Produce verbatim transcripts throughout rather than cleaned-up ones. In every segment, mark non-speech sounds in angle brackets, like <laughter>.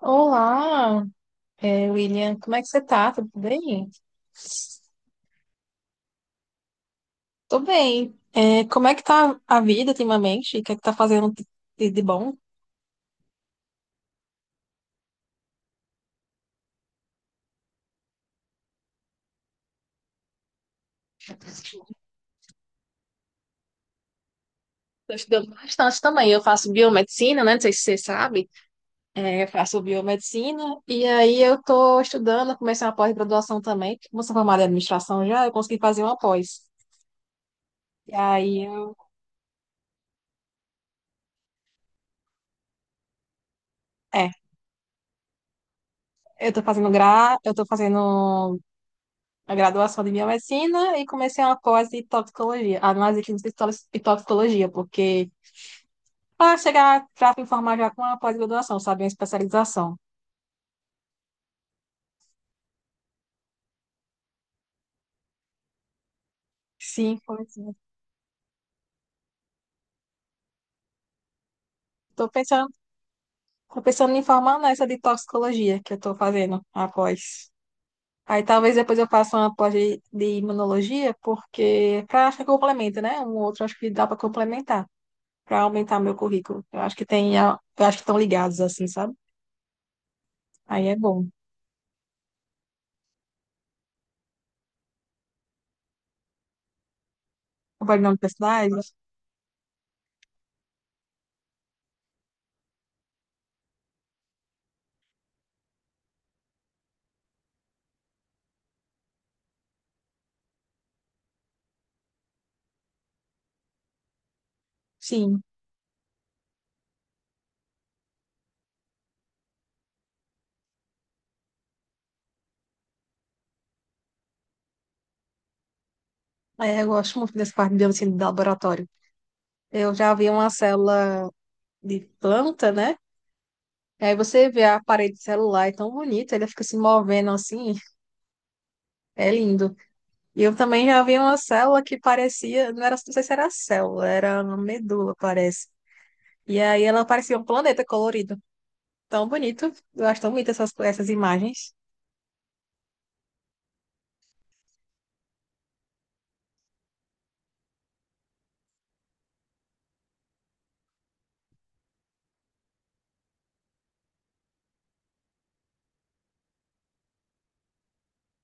Olá, é, William, como é que você tá? Tudo bem? Tô bem. É, como é que tá a vida ultimamente? O que é que tá fazendo de, de bom? Tô estudando bastante também. Eu faço biomedicina, né? Não sei se você sabe. É, eu faço biomedicina e aí eu tô estudando, eu comecei uma pós-graduação também. Como eu sou formada em administração já, eu consegui fazer uma pós. E aí eu, é, eu tô fazendo gra, eu tô fazendo a graduação de biomedicina e comecei uma pós de toxicologia, análise clínica e toxicologia, porque para chegar, para me formar já com uma pós-graduação, sabe, uma especialização. Sim, estou pensando, tô pensando em formar nessa de toxicologia que eu estou fazendo após. Aí talvez depois eu faça uma pós de, de imunologia, porque é pra, acho que complementa, né? Um outro acho que dá para complementar, para aumentar meu currículo. Eu acho que tem, a- eu acho que estão ligados assim, sabe? Aí é bom. Trabalho na universidade, sim. Ah, é, eu gosto muito dessa parte de biomedicina de laboratório. Eu já vi uma célula de planta, né? Aí você vê a parede celular, é tão bonita, ela fica se movendo assim, é lindo. E eu também já vi uma célula que parecia, não era, não sei se era célula, era uma medula, parece. E aí ela parecia um planeta colorido. Tão bonito, eu acho tão bonito essas, essas imagens.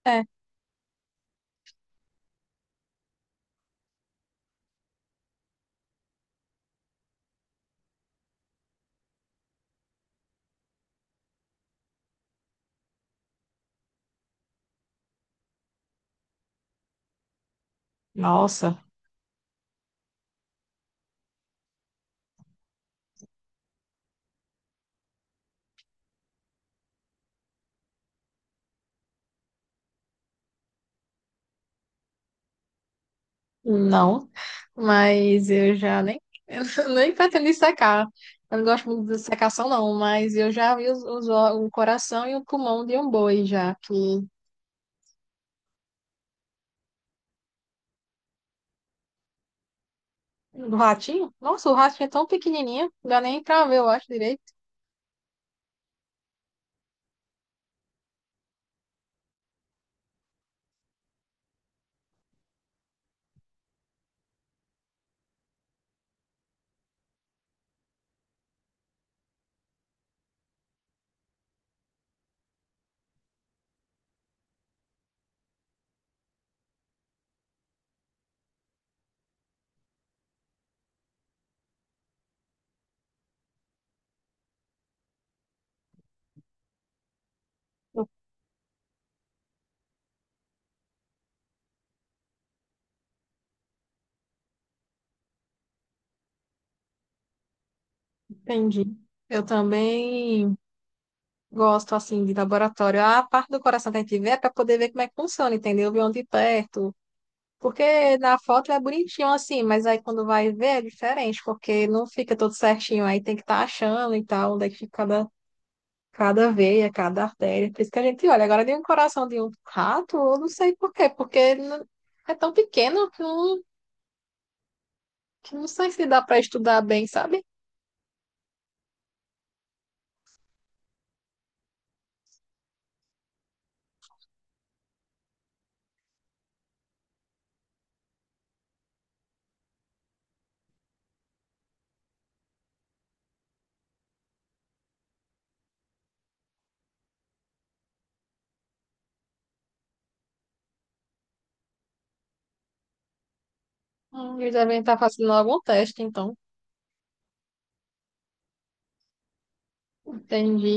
É, nossa. Não, mas eu já nem, <laughs> eu nem pretendo secar. Eu não gosto muito de secação, não, mas eu já vi os, os, ó- o coração e o pulmão de um boi já, que do ratinho. Nossa, o ratinho é tão pequenininho, não dá nem pra ver, eu acho direito. Entendi. Eu também gosto, assim, de laboratório. A parte do coração que a gente vê é pra poder ver como é que funciona, entendeu? Ver onde perto. Porque na foto é bonitinho assim, mas aí quando vai ver é diferente, porque não fica todo certinho, aí tem que estar achando e tal, onde é que fica cada, cada veia, cada artéria. Por isso que a gente olha. Agora de um coração de um rato, eu não sei por quê, porque não- é tão pequeno que não, que não sei se dá para estudar bem, sabe? Hum, Eles devem estar fazendo algum teste, então. Entendi.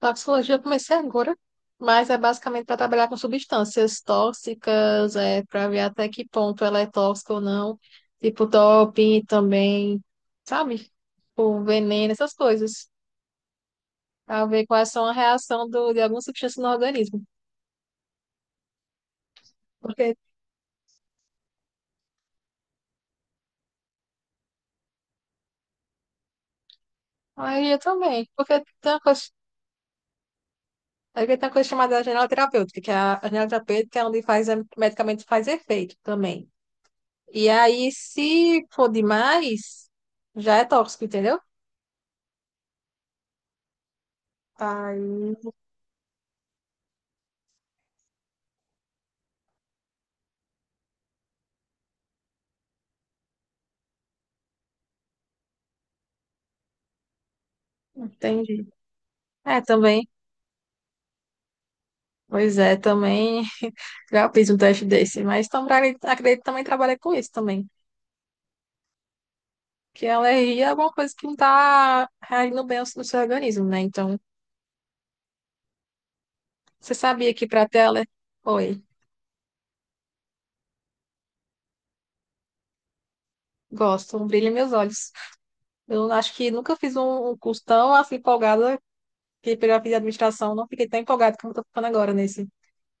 Toxicologia eu comecei agora, mas é basicamente para trabalhar com substâncias tóxicas, é, para ver até que ponto ela é tóxica ou não, tipo doping também, sabe? O veneno, essas coisas, para ver quais são a reação do, de alguma substância no organismo. Porque aí eu também, porque tem uma coisa, porque tem uma coisa chamada janela terapêutica, que é a, a janela terapêutica é onde faz, o medicamento faz efeito também. E aí, se for demais, já é tóxico, entendeu? Aí entendi. É, também. Pois é, também já fiz um teste desse, mas também, acredito que também trabalha com isso também. Que a alergia é alguma coisa que não tá reagindo bem ao- no seu organismo, né? Então, você sabia que para ter alergia. Oi, gosto, brilha meus olhos. Eu acho que nunca fiz um, um curso tão assim empolgada que eu já fiz administração, não fiquei tão empolgada como eu tô ficando agora nesse.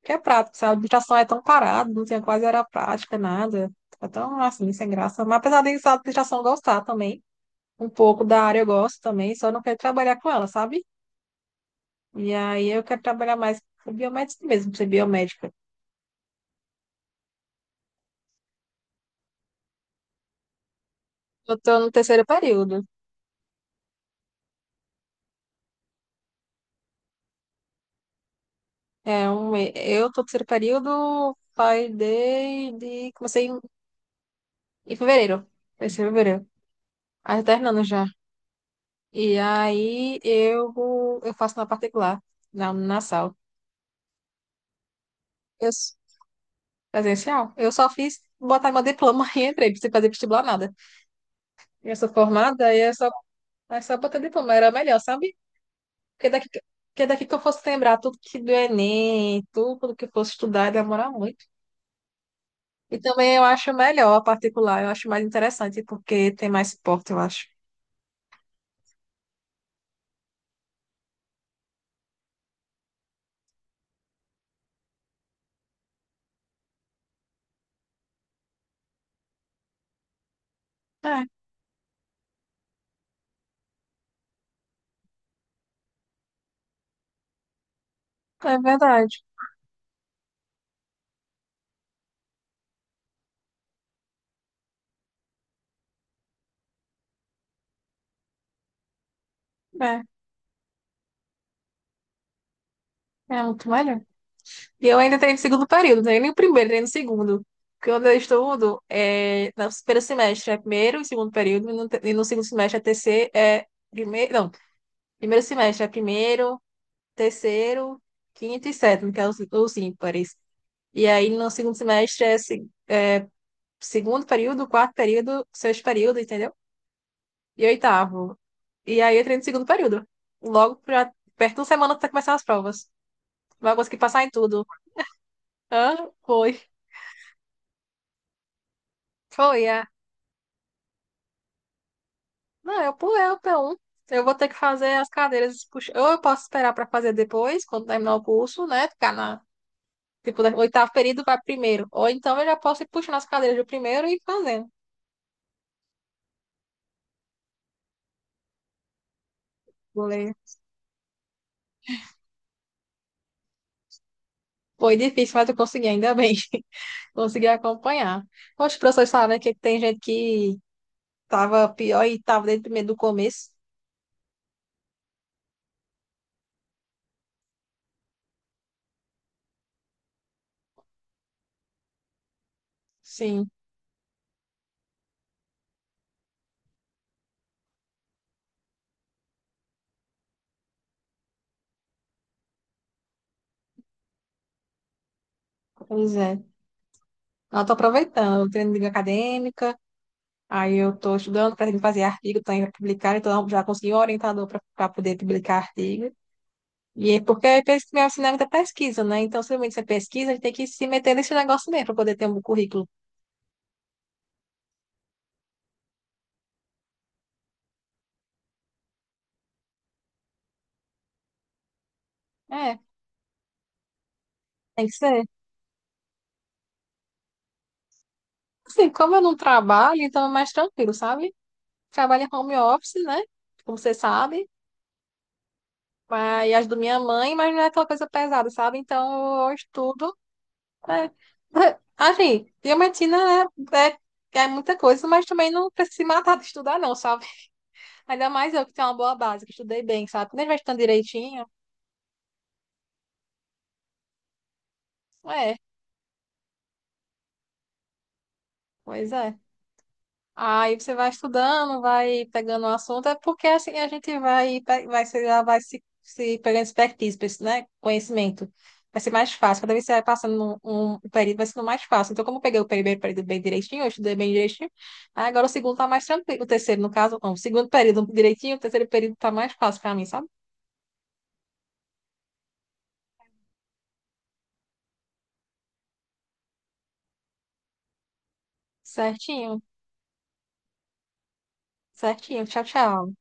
Que é prático, sabe? A administração é tão parada, não tinha quase era prática, nada. É tão assim, sem graça. Mas apesar de a administração gostar também. Um pouco da área eu gosto também, só não quero trabalhar com ela, sabe? E aí eu quero trabalhar mais com biomédica mesmo, ser biomédica. Eu tô no terceiro período. É um, me- eu tô no terceiro período, pai de, de- comecei em, em fevereiro. Terceiro de fevereiro. Aí tô terminando já. E aí eu, eu faço na particular, na, na sala. Eu, s- presencial. Eu só fiz botar meu diploma <laughs> e entrei, não fazer vestibular nada. Eu sou formada e é só, é só botar diploma, era melhor, sabe? Porque daqui, porque daqui que eu fosse lembrar tudo que do Enem, tudo que eu fosse estudar, ia demorar muito. E também eu acho melhor a particular, eu acho mais interessante, porque tem mais suporte, eu acho. É, é verdade. É, é muito melhor. E eu ainda tenho no segundo período, não tenho nem o primeiro, nem no segundo. Porque onde eu estudo, é, no primeiro semestre é primeiro e segundo período, e no, te- e no segundo semestre é terceiro, é primeiro, não, primeiro semestre é primeiro, terceiro, quinto e sétimo, que é os, os ímpares. E aí, no segundo semestre, é se- segundo período, quarto período, sexto período, entendeu? E oitavo. E aí, eu entrei no segundo período. Logo, pra, perto de uma semana, tá começando as provas. Vai conseguir passar em tudo. Hã? Foi. Foi, é. Não, eu pulei o pê um. Eu vou ter que fazer as cadeiras. pux- Ou eu posso esperar pra fazer depois, quando terminar o curso, né? Ficar na. Tipo, da- oitavo período vai primeiro. Ou então eu já posso ir puxando as cadeiras do primeiro e ir fazendo. Vou ler. Foi difícil, mas eu consegui, ainda bem. Consegui acompanhar. Os professores falaram que tem gente que estava pior e estava desde o primeiro do começo. Sim, pois é. Eu estou aproveitando, eu treino de acadêmica, aí eu estou estudando para fazer artigo também para publicar, então já consegui um orientador para poder publicar artigo. E é porque é pes- meu ensinamento é pesquisa, né? Então, se realmente você pesquisa, a gente tem que se meter nesse negócio mesmo para poder ter um currículo. É, tem que ser. Assim, como eu não trabalho, então é mais tranquilo, sabe? Trabalho em home office, né? Como você sabe. Mas, e as do minha mãe, mas não é aquela coisa pesada, sabe? Então eu estudo. Né? <laughs> Assim, diamantina é, é, é muita coisa, mas também não precisa se matar de estudar, não, sabe? <laughs> Ainda mais eu que tenho uma boa base, que estudei bem, sabe? Quando a gente vai estudando direitinho, é, pois é. Aí você vai estudando, vai pegando o assunto, é porque assim a gente vai, pe- vai, se- já vai se, se pegando expertise, pra né? Conhecimento. Vai ser mais fácil. Cada vez que você vai passando um, um um período, vai sendo mais fácil. Então, como eu peguei o primeiro período bem direitinho, eu estudei bem direitinho, aí agora o segundo tá mais tranquilo. O terceiro, no caso, não. O segundo período direitinho, o terceiro período tá mais fácil pra mim, sabe? Certinho, certinho. Tchau, tchau.